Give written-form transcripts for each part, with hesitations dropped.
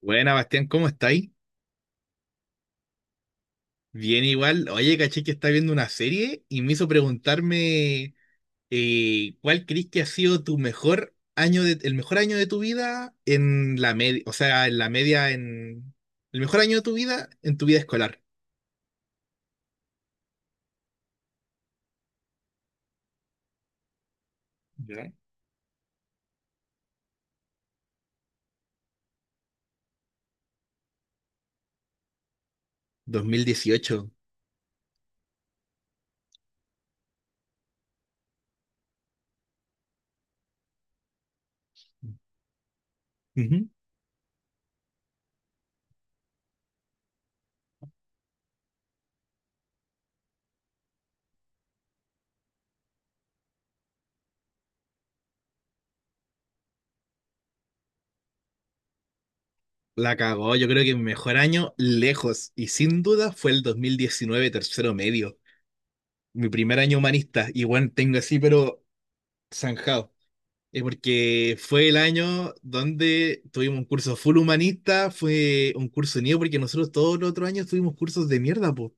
Buena, Bastián, ¿cómo estáis? Bien igual. Oye, caché que está viendo una serie y me hizo preguntarme ¿cuál crees que ha sido tu mejor año el mejor año de tu vida en la media? O sea, en la media en el mejor año de tu vida en tu vida escolar? ¿Ya? 2018. Ujú. La cagó, yo creo que mi mejor año lejos y sin duda fue el 2019, tercero medio, mi primer año humanista, y bueno, tengo así pero zanjado. Porque fue el año donde tuvimos un curso full humanista, fue un curso unido, porque nosotros todos los otros años tuvimos cursos de mierda, pues.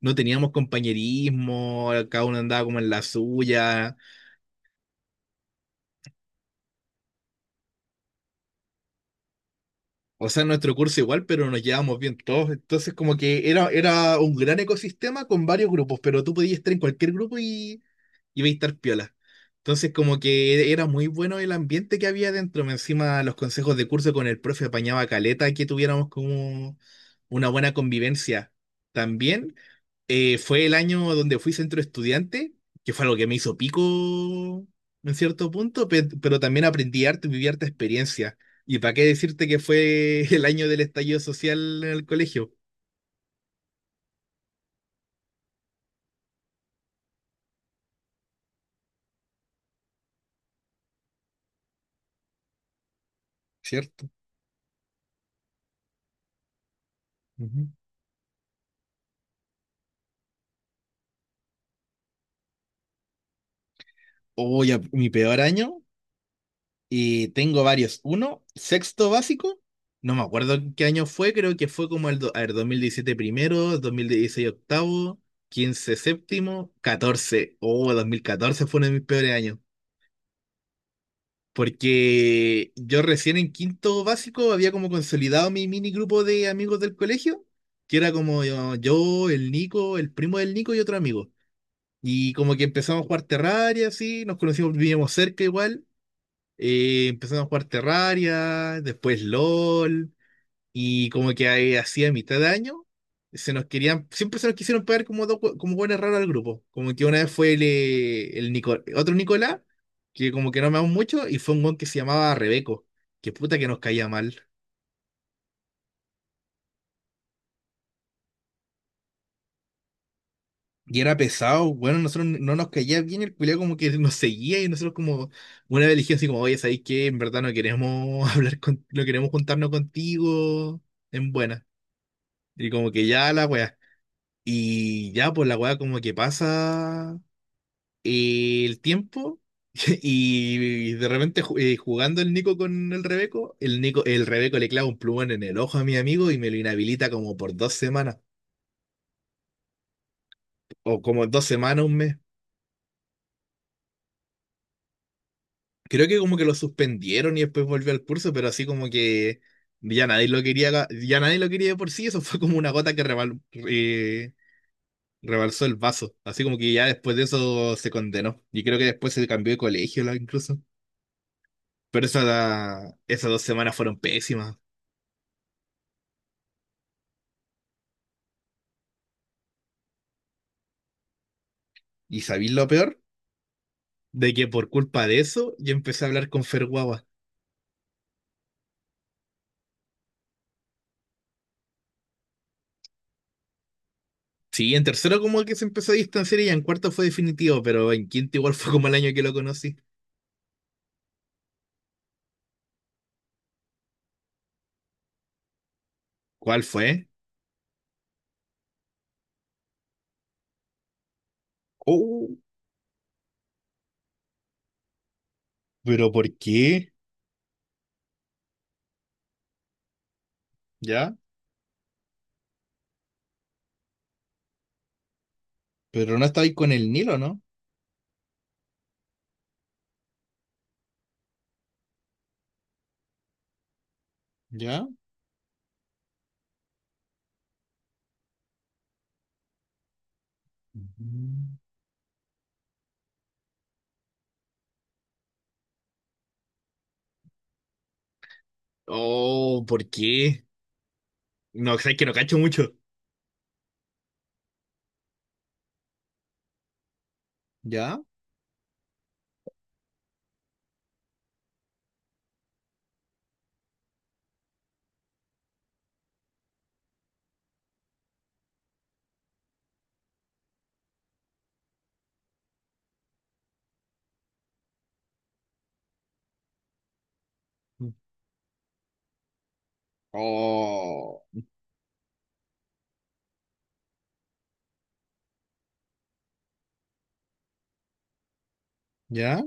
No teníamos compañerismo, cada uno andaba como en la suya. O sea, en nuestro curso igual, pero nos llevábamos bien todos. Entonces, como era un gran ecosistema con varios grupos, pero tú podías estar en cualquier grupo y veis estar piola. Entonces, como que era muy bueno el ambiente que había dentro. Más encima, los consejos de curso con el profe apañaba caleta que tuviéramos como una buena convivencia. También fue el año donde fui centro estudiante, que fue algo que me hizo pico en cierto punto, pero también aprendí arte y viví harta experiencia. ¿Y para qué decirte que fue el año del estallido social en el colegio? ¿Cierto? Ujú. Oh, ya, mi peor año, y tengo varios. Uno, sexto básico, no me acuerdo en qué año fue, creo que fue como el a ver, 2017 primero, 2016 octavo, 15 séptimo, catorce. Oh, 2014 fue uno de mis peores años. Porque yo recién en quinto básico había como consolidado mi mini grupo de amigos del colegio, que era como yo, el Nico, el primo del Nico y otro amigo. Y como que empezamos a jugar Terraria, así, nos conocimos, vivíamos cerca igual. Empezamos a jugar Terraria, después LOL, y como que ahí, así a mitad de año, siempre se nos quisieron pagar como dos, como buenas raras al grupo. Como que una vez fue otro Nicolás, que como que no amamos mucho, y fue un weón que se llamaba Rebeco, que puta que nos caía mal. Y era pesado, bueno, nosotros no nos caía bien, el culiao como que nos seguía y nosotros como una vez le dijimos así como, oye, ¿sabéis qué? En verdad no queremos no queremos juntarnos contigo en buena. Y como que ya la weá. Y ya, pues la weá como que pasa el tiempo y, de repente jugando el Nico con el Rebeco, el Rebeco le clava un plumón en el ojo a mi amigo y me lo inhabilita como por dos semanas, o como dos semanas, un mes. Creo que como que lo suspendieron y después volvió al curso, pero así como que ya nadie lo quería, de por sí. Eso fue como una gota que rebalsó el vaso. Así como que ya después de eso se condenó. Y creo que después se cambió de colegio incluso. Pero esas dos semanas fueron pésimas. ¿Y sabéis lo peor? De que por culpa de eso yo empecé a hablar con Ferguaba. Sí, en tercero como que se empezó a distanciar y ya en cuarto fue definitivo, pero en quinto igual fue como el año que lo conocí. ¿Cuál fue? Oh, ¿pero por qué? ¿Ya? Pero no estáis con el Nilo, ¿no? ¿Ya? Mm. Oh, ¿por qué? No, sabes que no cacho mucho. ¿Ya? Oh, ¿ya?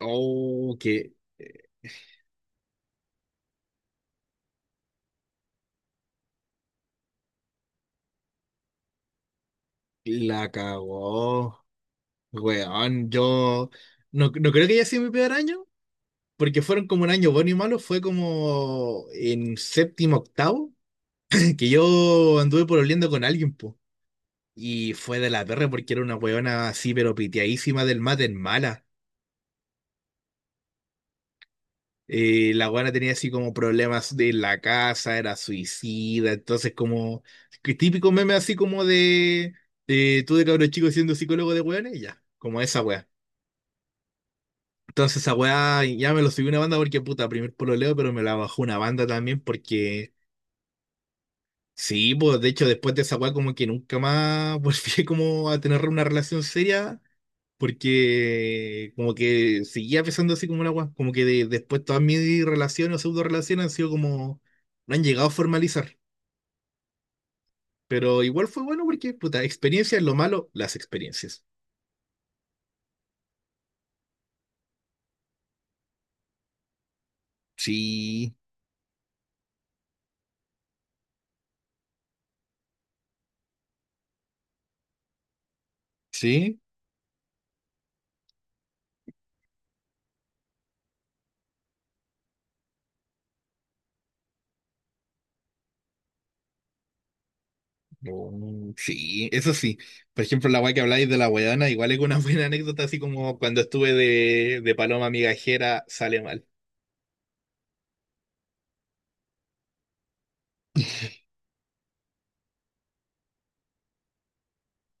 Oh, que la cagó. Weón, yo no creo que haya sido mi peor año, porque fueron como un año bueno y malo, fue como en séptimo, octavo, que yo anduve pololeando con alguien, po. Y fue de la perra porque era una weona así, pero piteadísima del mate en mala. La weona tenía así como problemas de la casa, era suicida, entonces como que típico meme así como de tú de cabro chico siendo psicólogo de weones, ya, como esa. Entonces esa weá ya me lo subió una banda porque puta, primer pololeo, pero me la bajó una banda también porque sí, pues de hecho después de esa weá como que nunca más volví como a tener una relación seria porque como que seguía pensando así como una weá, como que después todas mis relaciones o pseudo relaciones han sido como, no han llegado a formalizar, pero igual fue bueno porque puta, experiencias, lo malo, las experiencias. Sí, sí, Mm. Sí, eso sí. Por ejemplo, la weá que habláis de la weona, igual es una buena anécdota, así como cuando estuve de paloma migajera, sale mal.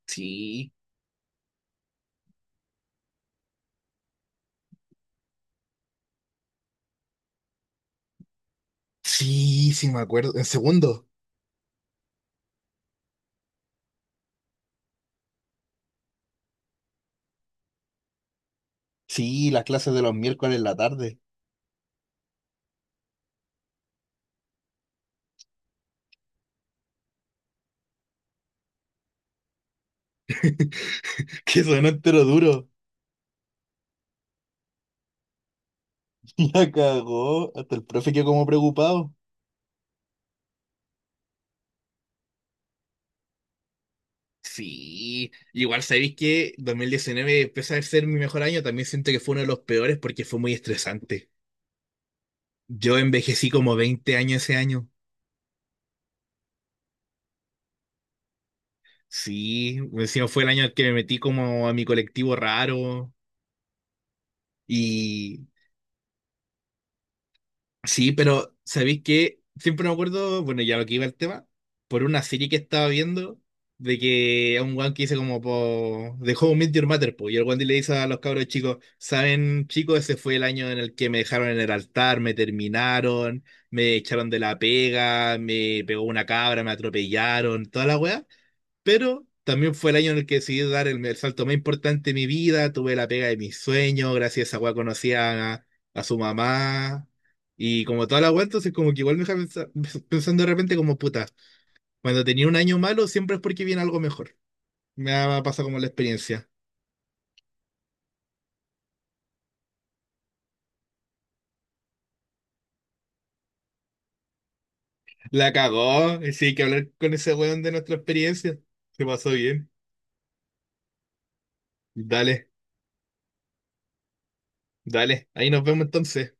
Sí, sí, me acuerdo. En segundo. Sí, las clases de los miércoles en la tarde. Que sonó entero duro. La cagó. Hasta el profe quedó como preocupado. Sí, igual sabéis que 2019 pese a ser mi mejor año, también siento que fue uno de los peores porque fue muy estresante. Yo envejecí como 20 años ese año. Sí, encima fue el año en que me metí como a mi colectivo raro. Y sí, pero ¿sabéis qué? Siempre me acuerdo, bueno, ya lo que iba el tema, por una serie que estaba viendo, de que a un guan que dice como, po, de How I Met Your Mother, po, y el guan le dice a los cabros chicos, ¿saben, chicos? Ese fue el año en el que me dejaron en el altar, me terminaron, me echaron de la pega, me pegó una cabra, me atropellaron, toda la wea. Pero también fue el año en el que decidí dar el salto más importante de mi vida. Tuve la pega de mis sueños. Gracias a esa weá conocí a su mamá. Y como toda la weá, entonces como que igual me deja pensando de repente como puta. Cuando tenía un año malo, siempre es porque viene algo mejor. Me ha pasado como la experiencia. La cagó. Sí, hay que hablar con ese weón de nuestra experiencia. Se pasó bien. Dale, dale. Ahí nos vemos entonces.